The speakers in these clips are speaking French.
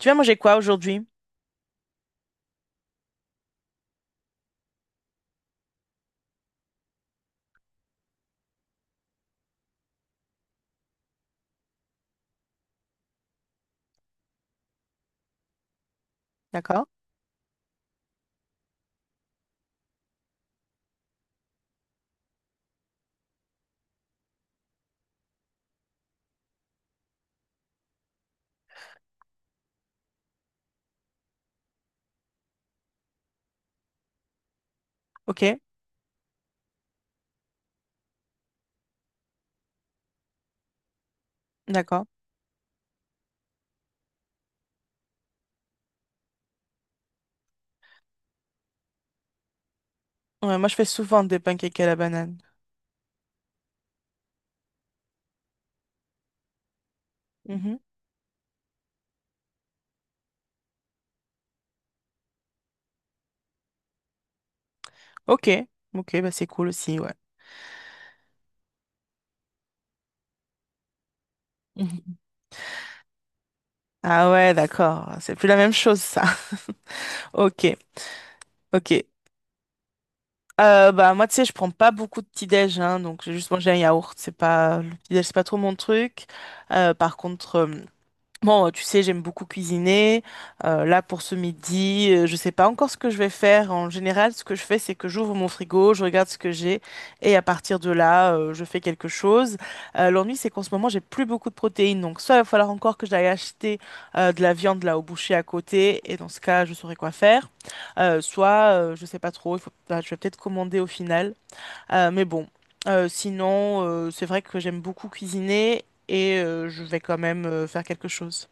Tu vas manger quoi aujourd'hui? Ok, d'accord. Ouais, moi, je fais souvent des pancakes à la banane. Mhm. Ok, ok, bah c'est cool aussi, ouais. Mhm. Ah ouais, d'accord. C'est plus la même chose, ça. Ok, ok. Bah moi, tu sais, je prends pas beaucoup de petit-déj, hein, donc j'ai juste mangé un yaourt. C'est pas le petit-déj, c'est pas trop mon truc. Par contre. Bon, tu sais, j'aime beaucoup cuisiner. Là, pour ce midi, je sais pas encore ce que je vais faire. En général, ce que je fais, c'est que j'ouvre mon frigo, je regarde ce que j'ai, et à partir de là, je fais quelque chose. L'ennui, c'est qu'en ce moment, j'ai plus beaucoup de protéines. Donc, soit il va falloir encore que j'aille acheter de la viande là au boucher à côté, et dans ce cas, je saurai quoi faire. Soit, je sais pas trop, il faut, bah, je vais peut-être commander au final. Mais bon, sinon, c'est vrai que j'aime beaucoup cuisiner, et je vais quand même faire quelque chose.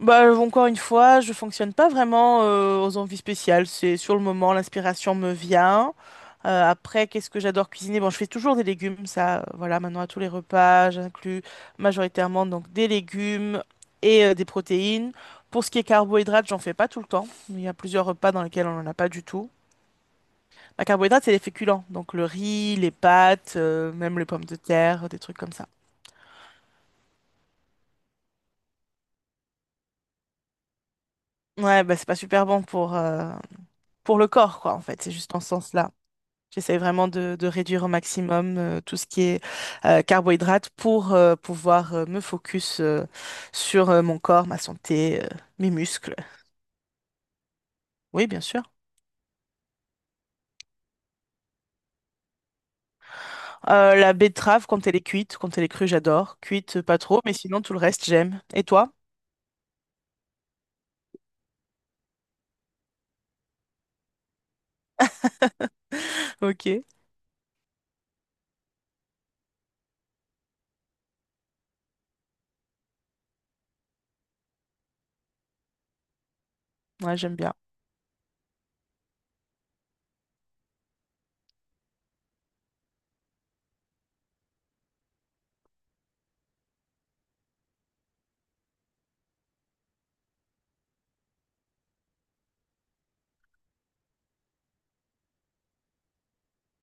Bah, encore une fois, je fonctionne pas vraiment aux envies spéciales. C'est sur le moment, l'inspiration me vient. Après, qu'est-ce que j'adore cuisiner? Bon, je fais toujours des légumes, ça, voilà, maintenant à tous les repas, j'inclus majoritairement donc des légumes et des protéines. Pour ce qui est carbohydrates, j'en fais pas tout le temps. Il y a plusieurs repas dans lesquels on n'en a pas du tout. La carbohydrate, c'est les féculents, donc le riz, les pâtes, même les pommes de terre, des trucs comme ça. Ouais, bah c'est pas super bon pour le corps, quoi, en fait, c'est juste en ce sens-là. J'essaie vraiment de, réduire au maximum tout ce qui est carbohydrate pour pouvoir me focus sur mon corps, ma santé, mes muscles. Oui, bien sûr. La betterave, quand elle est cuite, quand elle est crue, j'adore. Cuite, pas trop, mais sinon tout le reste, j'aime. Et toi? Ok, moi j'aime bien.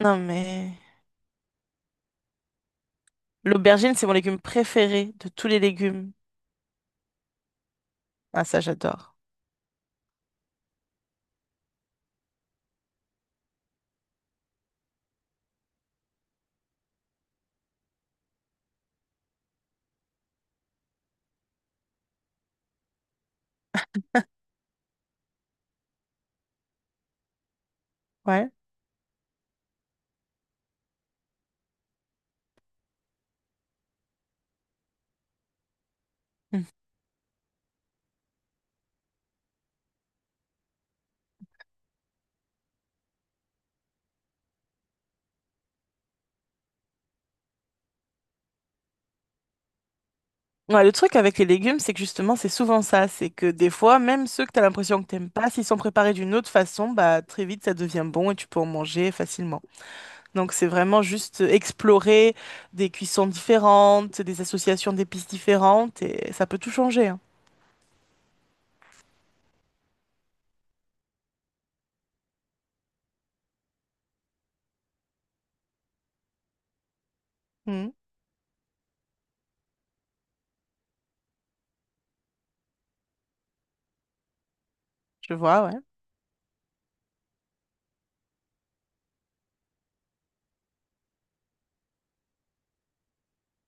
Non, mais l'aubergine, c'est mon légume préféré de tous les légumes. Ah, ça, j'adore. Ouais. Mm. Ouais, le truc avec les légumes, c'est que justement, c'est souvent ça. C'est que des fois, même ceux que tu as l'impression que t'aimes pas, s'ils sont préparés d'une autre façon, bah très vite, ça devient bon et tu peux en manger facilement. Donc, c'est vraiment juste explorer des cuissons différentes, des associations d'épices différentes et ça peut tout changer, hein. Mhm. Je vois, ouais.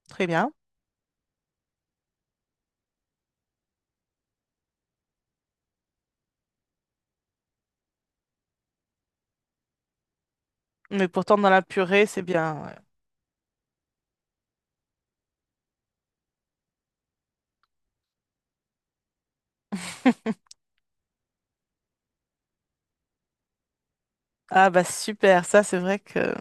Très bien. Mais pourtant, dans la purée, c'est bien, ouais. Ah bah super, ça c'est vrai que…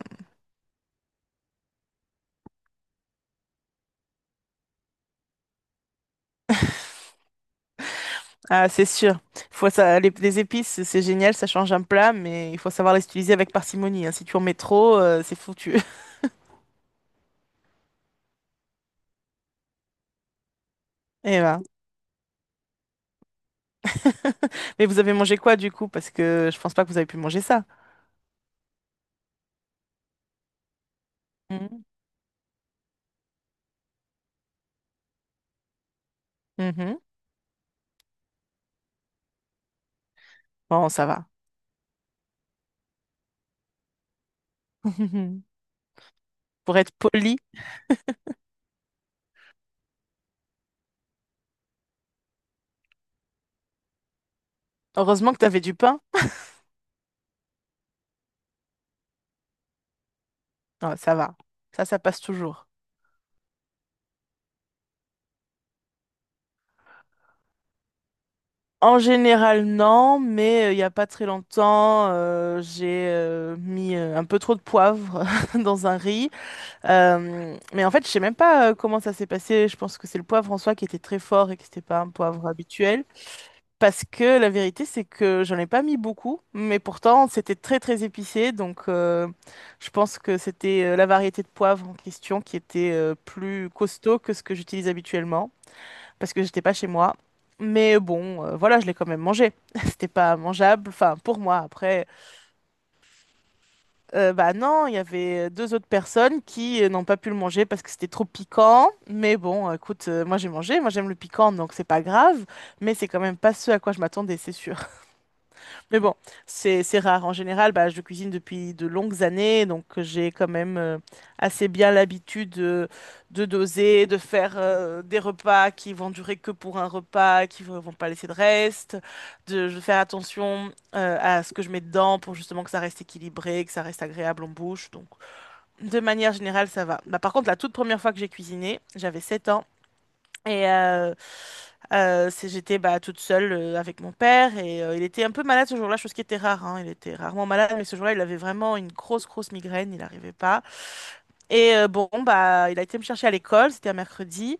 Ah c'est sûr. Faut ça… les épices, c'est génial, ça change un plat, mais il faut savoir les utiliser avec parcimonie, hein. Si tu en mets trop, c'est foutu. Et ben. Mais vous avez mangé quoi du coup? Parce que je pense pas que vous avez pu manger ça. Mhm. Mhm. Bon, ça va. Pour être poli, heureusement que t'avais du pain. Ah, ça va. Ça passe toujours. En général, non, mais il y n'y a pas très longtemps, j'ai mis un peu trop de poivre dans un riz. Mais en fait, je sais même pas comment ça s'est passé. Je pense que c'est le poivre en soi qui était très fort et que c'était pas un poivre habituel. Parce que la vérité, c'est que j'en ai pas mis beaucoup, mais pourtant, c'était très très épicé. Donc, je pense que c'était la variété de poivre en question qui était plus costaud que ce que j'utilise habituellement parce que j'étais pas chez moi. Mais bon, voilà, je l'ai quand même mangé. C'était pas mangeable, enfin pour moi. Après, bah non, il y avait deux autres personnes qui n'ont pas pu le manger parce que c'était trop piquant. Mais bon, écoute, moi j'ai mangé, moi j'aime le piquant, donc c'est pas grave. Mais c'est quand même pas ce à quoi je m'attendais, c'est sûr. Mais bon, c'est rare. En général, bah, je cuisine depuis de longues années, donc j'ai quand même assez bien l'habitude de, doser, de faire des repas qui vont durer que pour un repas, qui ne vont pas laisser de reste, de, je faire attention à ce que je mets dedans pour justement que ça reste équilibré, que ça reste agréable en bouche. Donc, de manière générale, ça va. Bah, par contre, la toute première fois que j'ai cuisiné, j'avais 7 ans. Et j'étais bah, toute seule avec mon père et il était un peu malade ce jour-là, chose qui était rare, hein. Il était rarement malade, mais ce jour-là, il avait vraiment une grosse, grosse migraine. Il n'arrivait pas. Bon, bah, il a été me chercher à l'école. C'était un mercredi.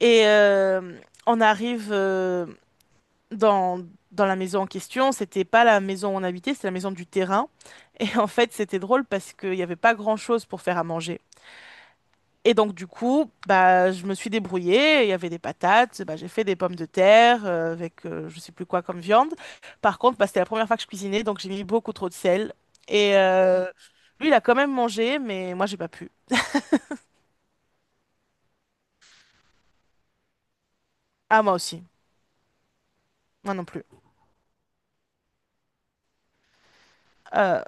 Et on arrive dans, dans la maison en question. C'était pas la maison où on habitait, c'était la maison du terrain. Et en fait, c'était drôle parce qu'il n'y avait pas grand-chose pour faire à manger. Et donc, du coup, bah, je me suis débrouillée. Il y avait des patates, bah, j'ai fait des pommes de terre avec je sais plus quoi comme viande. Par contre, bah, c'était la première fois que je cuisinais, donc j'ai mis beaucoup trop de sel. Et lui, il a quand même mangé, mais moi, j'ai pas pu. Ah, moi aussi. Moi non plus. Euh,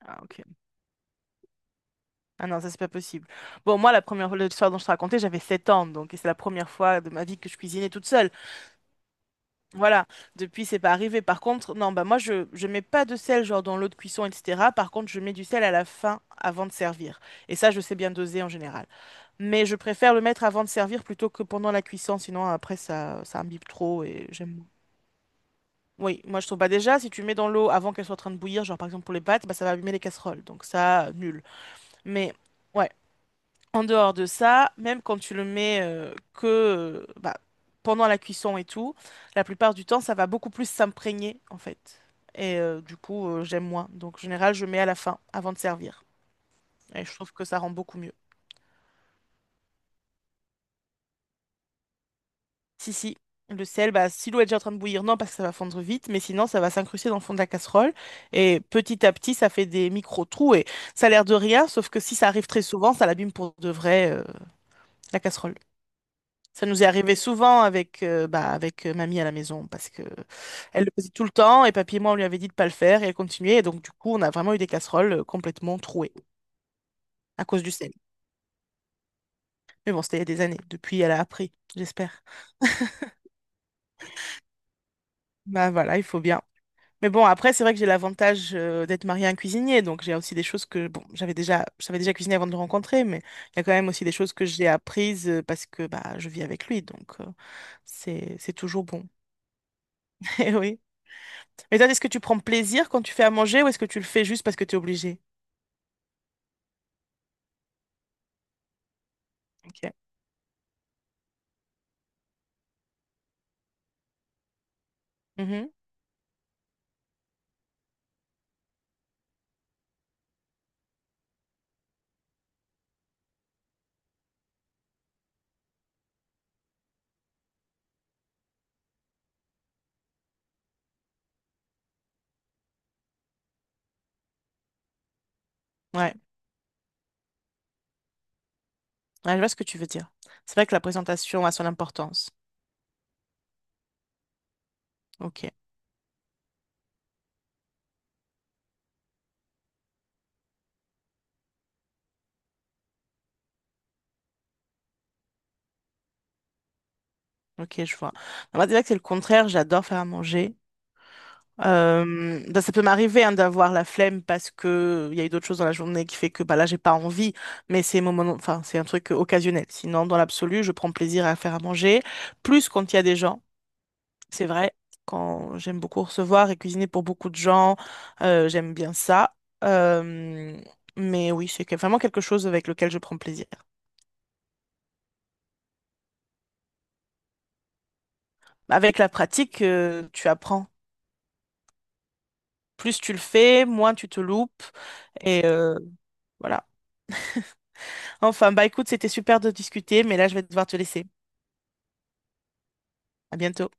Ah, ok. Ah non, ça, c'est pas possible. Bon, moi, la première fois, l'histoire dont je te racontais, j'avais 7 ans, donc et c'est la première fois de ma vie que je cuisinais toute seule. Voilà, depuis c'est pas arrivé. Par contre, non, bah moi je mets pas de sel genre dans l'eau de cuisson, etc. Par contre, je mets du sel à la fin avant de servir. Et ça, je sais bien doser en général. Mais je préfère le mettre avant de servir plutôt que pendant la cuisson, sinon après ça imbibe trop et j'aime moins. Oui, moi je trouve pas déjà si tu mets dans l'eau avant qu'elle soit en train de bouillir, genre par exemple pour les pâtes, bah ça va abîmer les casseroles. Donc ça, nul. Mais ouais. En dehors de ça, même quand tu le mets, pendant la cuisson et tout, la plupart du temps, ça va beaucoup plus s'imprégner en fait. Et du coup, j'aime moins. Donc, en général, je mets à la fin, avant de servir. Et je trouve que ça rend beaucoup mieux. Si, si, le sel, bah, si l'eau est déjà en train de bouillir, non, parce que ça va fondre vite, mais sinon, ça va s'incruster dans le fond de la casserole. Et petit à petit, ça fait des micro-trous. Et ça a l'air de rien, sauf que si ça arrive très souvent, ça l'abîme pour de vrai, la casserole. Ça nous est arrivé souvent avec, bah, avec mamie à la maison parce que elle le faisait tout le temps et papy et moi on lui avait dit de pas le faire et elle continuait et donc du coup on a vraiment eu des casseroles complètement trouées à cause du sel. Mais bon, c'était il y a des années. Depuis, elle a appris, j'espère. Bah voilà, il faut bien. Mais bon, après c'est vrai que j'ai l'avantage d'être mariée à un cuisinier donc j'ai aussi des choses que bon, j'avais déjà cuisiné avant de le rencontrer mais il y a quand même aussi des choses que j'ai apprises parce que bah je vis avec lui donc c'est toujours bon. Et oui. Et toi, est-ce que tu prends plaisir quand tu fais à manger ou est-ce que tu le fais juste parce que tu es obligé? Ok. Mhm. Ouais. Ouais, je vois ce que tu veux dire. C'est vrai que la présentation a son importance. Ok. Ok, je vois. Moi, c'est vrai que c'est le contraire. J'adore faire à manger. Bah, ça peut m'arriver hein, d'avoir la flemme parce que il y a eu d'autres choses dans la journée qui fait que bah là j'ai pas envie. Mais c'est moment, enfin c'est un truc occasionnel. Sinon, dans l'absolu, je prends plaisir à faire à manger. Plus quand il y a des gens. C'est vrai, quand j'aime beaucoup recevoir et cuisiner pour beaucoup de gens, j'aime bien ça. Euh, mais oui, vraiment quelque chose avec lequel je prends plaisir. Avec la pratique, tu apprends. Plus tu le fais, moins tu te loupes. Et voilà. Enfin, bah écoute, c'était super de discuter, mais là, je vais devoir te laisser. À bientôt.